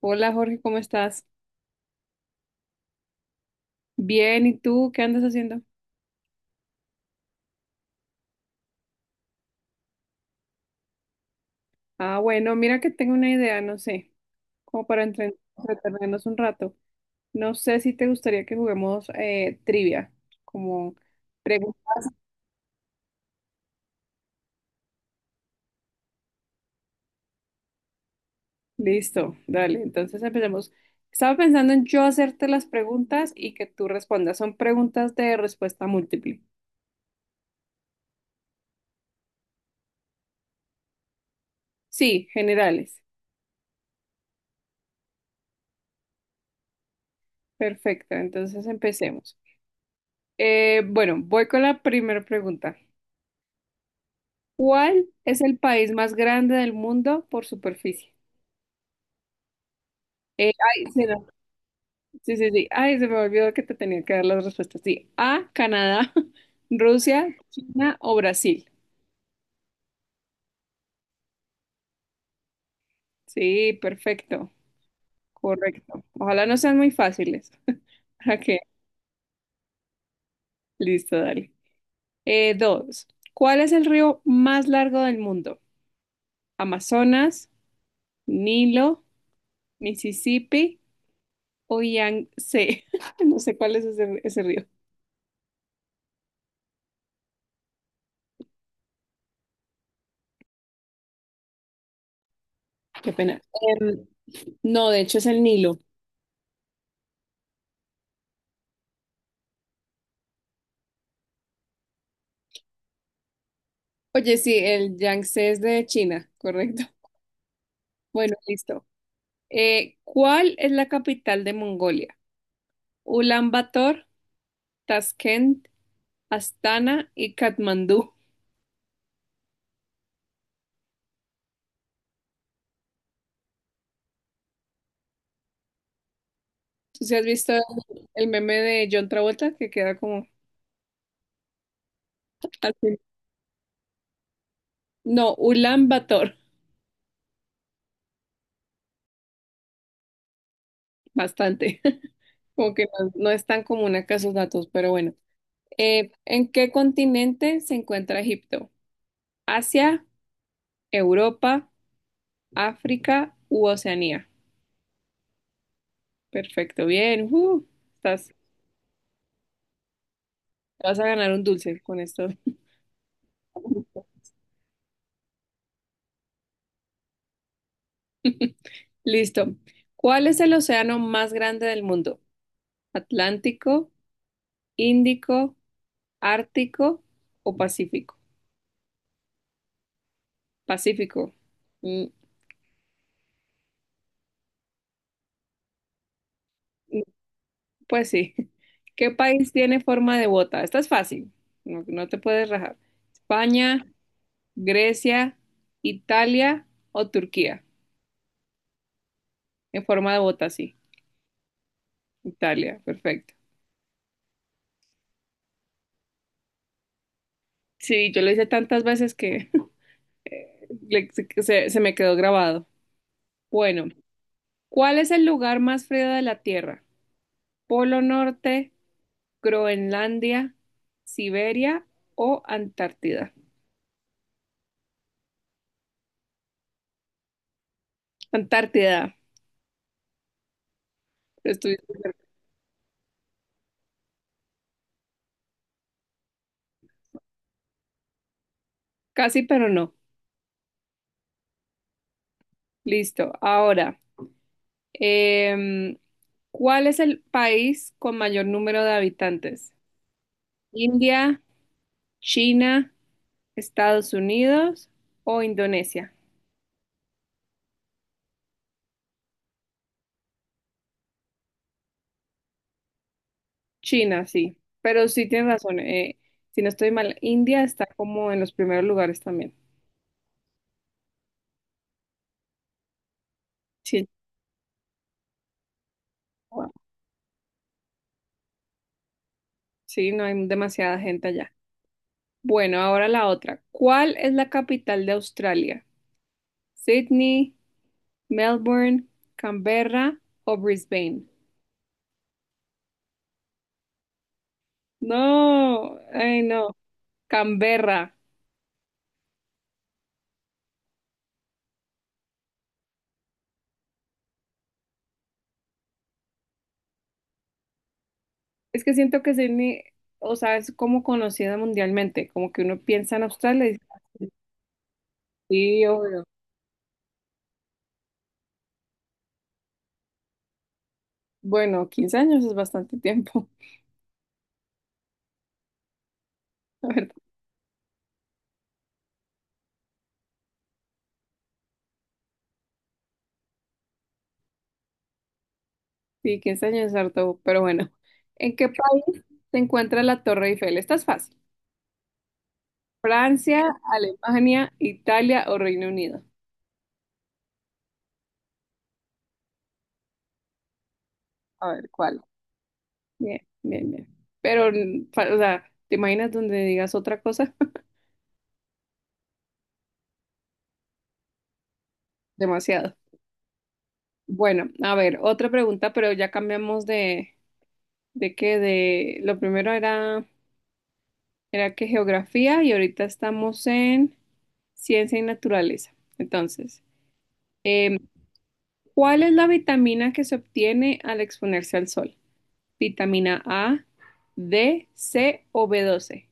Hola Jorge, ¿cómo estás? Bien, ¿y tú qué andas haciendo? Ah, bueno, mira que tengo una idea, no sé, como para entretenernos un rato. No sé si te gustaría que juguemos trivia, como preguntas. Listo, dale, entonces empecemos. Estaba pensando en yo hacerte las preguntas y que tú respondas. Son preguntas de respuesta múltiple. Sí, generales. Perfecto, entonces empecemos. Bueno, voy con la primera pregunta. ¿Cuál es el país más grande del mundo por superficie? Ay, sí, sí, sí. Ay, se me olvidó que te tenía que dar las respuestas. Sí. A, Canadá, Rusia, China o Brasil. Sí, perfecto. Correcto. Ojalá no sean muy fáciles. Ok, listo, dale. Dos. ¿Cuál es el río más largo del mundo? ¿Amazonas, Nilo, Mississippi o Yangtze? No sé cuál es ese río. Qué pena. No, de hecho es el Nilo. Oye, sí, el Yangtze es de China, correcto. Bueno, listo. ¿Cuál es la capital de Mongolia? Ulan Bator, Tashkent, Astana y Katmandú. ¿Tú sí has visto el meme de John Travolta que queda como al fin? No, Ulan Bator, bastante. Como que no, no es tan común acá esos datos, pero bueno. ¿En qué continente se encuentra Egipto? ¿Asia, Europa, África u Oceanía? Perfecto, bien. Ujú. Te vas a ganar un dulce con esto. Listo. ¿Cuál es el océano más grande del mundo? ¿Atlántico, Índico, Ártico o Pacífico? Pacífico. Mm, mm, pues sí. ¿Qué país tiene forma de bota? Esta es fácil. No, no te puedes rajar. España, Grecia, Italia o Turquía. En forma de bota, sí. Italia, perfecto. Sí, yo lo hice tantas veces que se me quedó grabado. Bueno, ¿cuál es el lugar más frío de la Tierra? ¿Polo Norte, Groenlandia, Siberia o Antártida? Antártida. Estoy casi, pero no. Listo. Ahora, em, ¿cuál es el país con mayor número de habitantes? ¿India, China, Estados Unidos o Indonesia? China, sí, pero sí tienes razón. Si no estoy mal, India está como en los primeros lugares también. Sí, wow, sí, no hay demasiada gente allá. Bueno, ahora la otra. ¿Cuál es la capital de Australia? ¿Sydney, Melbourne, Canberra o Brisbane? No, ay no, Canberra. Es que siento que Sydney, o sea, es como conocida mundialmente, como que uno piensa en Australia y dice, "Ah, sí, obvio". Bueno, 15 años es bastante tiempo, la verdad. Sí, 15 años es harto, pero bueno. ¿En qué país se encuentra la Torre Eiffel? Esta es fácil. Francia, Alemania, Italia o Reino Unido. A ver, ¿cuál? Bien, bien, bien. Pero, o sea, ¿te imaginas donde digas otra cosa? Demasiado. Bueno, a ver, otra pregunta, pero ya cambiamos de qué, lo primero era que geografía y ahorita estamos en ciencia y naturaleza. Entonces. em, ¿Cuál es la vitamina que se obtiene al exponerse al sol? ¿Vitamina A, D, C o B12?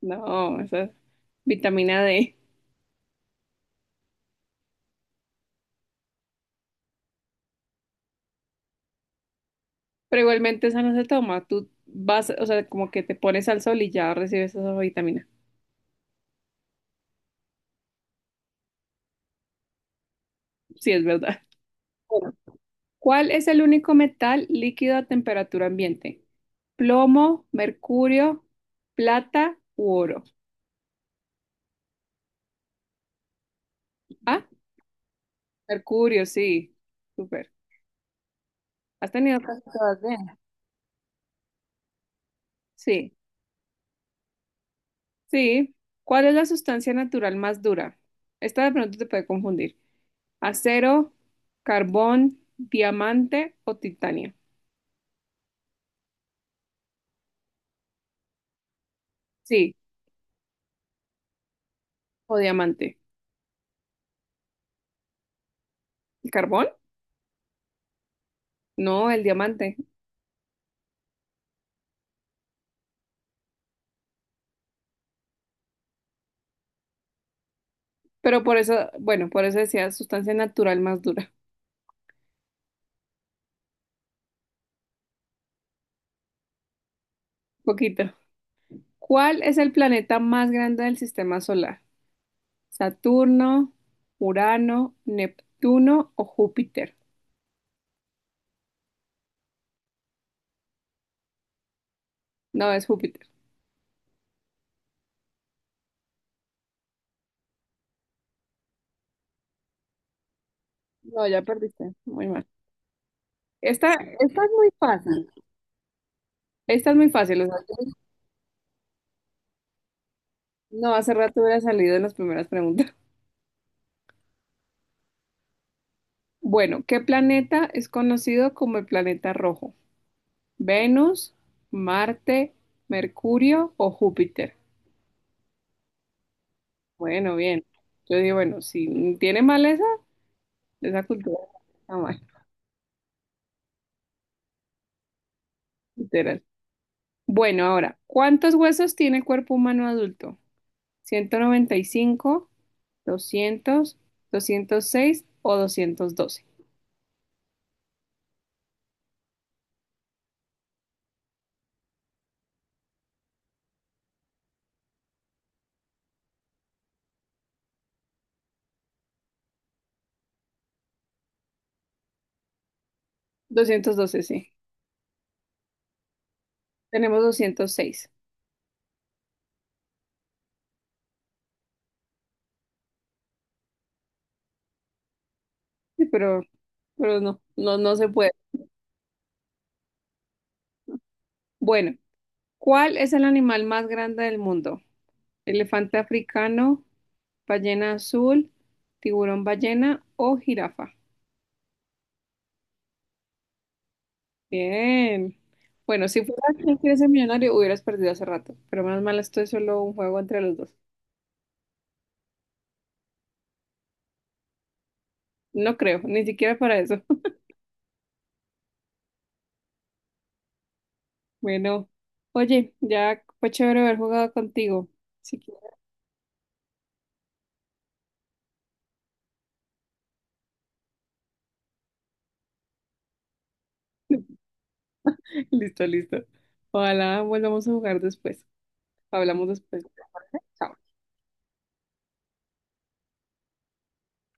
No, esa es vitamina D. Pero igualmente esa no se toma. Tú vas, o sea, como que te pones al sol y ya recibes esa vitamina. Sí, es verdad. Bueno, ¿cuál es el único metal líquido a temperatura ambiente? ¿Plomo, mercurio, plata u oro? Ah, mercurio, sí. Súper. ¿Has tenido? Sí. Sí. ¿Cuál es la sustancia natural más dura? Esta de pronto te puede confundir. ¿Acero, carbón, diamante o titanio? Sí, o diamante. ¿El carbón? No, el diamante. Pero por eso, bueno, por eso decía sustancia natural más dura. Poquito. ¿Cuál es el planeta más grande del sistema solar? ¿Saturno, Urano, Neptuno o Júpiter? No, es Júpiter. No, ya perdiste. Muy mal. Esta es muy fácil. Esta es muy fácil, o sea, no hace rato hubiera salido en las primeras preguntas. Bueno, ¿qué planeta es conocido como el planeta rojo? ¿Venus, Marte, Mercurio o Júpiter? Bueno, bien. Yo digo, bueno, si tiene mal esa, cultura está mal, literal. Bueno, ahora, ¿cuántos huesos tiene el cuerpo humano adulto? 195, 200, 206 o 212. 212, sí. Tenemos 206. Sí, pero no, no, no se puede. Bueno, ¿cuál es el animal más grande del mundo? ¿Elefante africano, ballena azul, tiburón ballena o jirafa? Bien. Bueno, si fuera quien quiere ser millonario, hubieras perdido hace rato, pero más mal esto es solo un juego entre los dos. No creo, ni siquiera para eso. Bueno, oye, ya fue chévere haber jugado contigo. Si quieres- Listo, listo. Ojalá volvamos a jugar después. Hablamos después. Chao.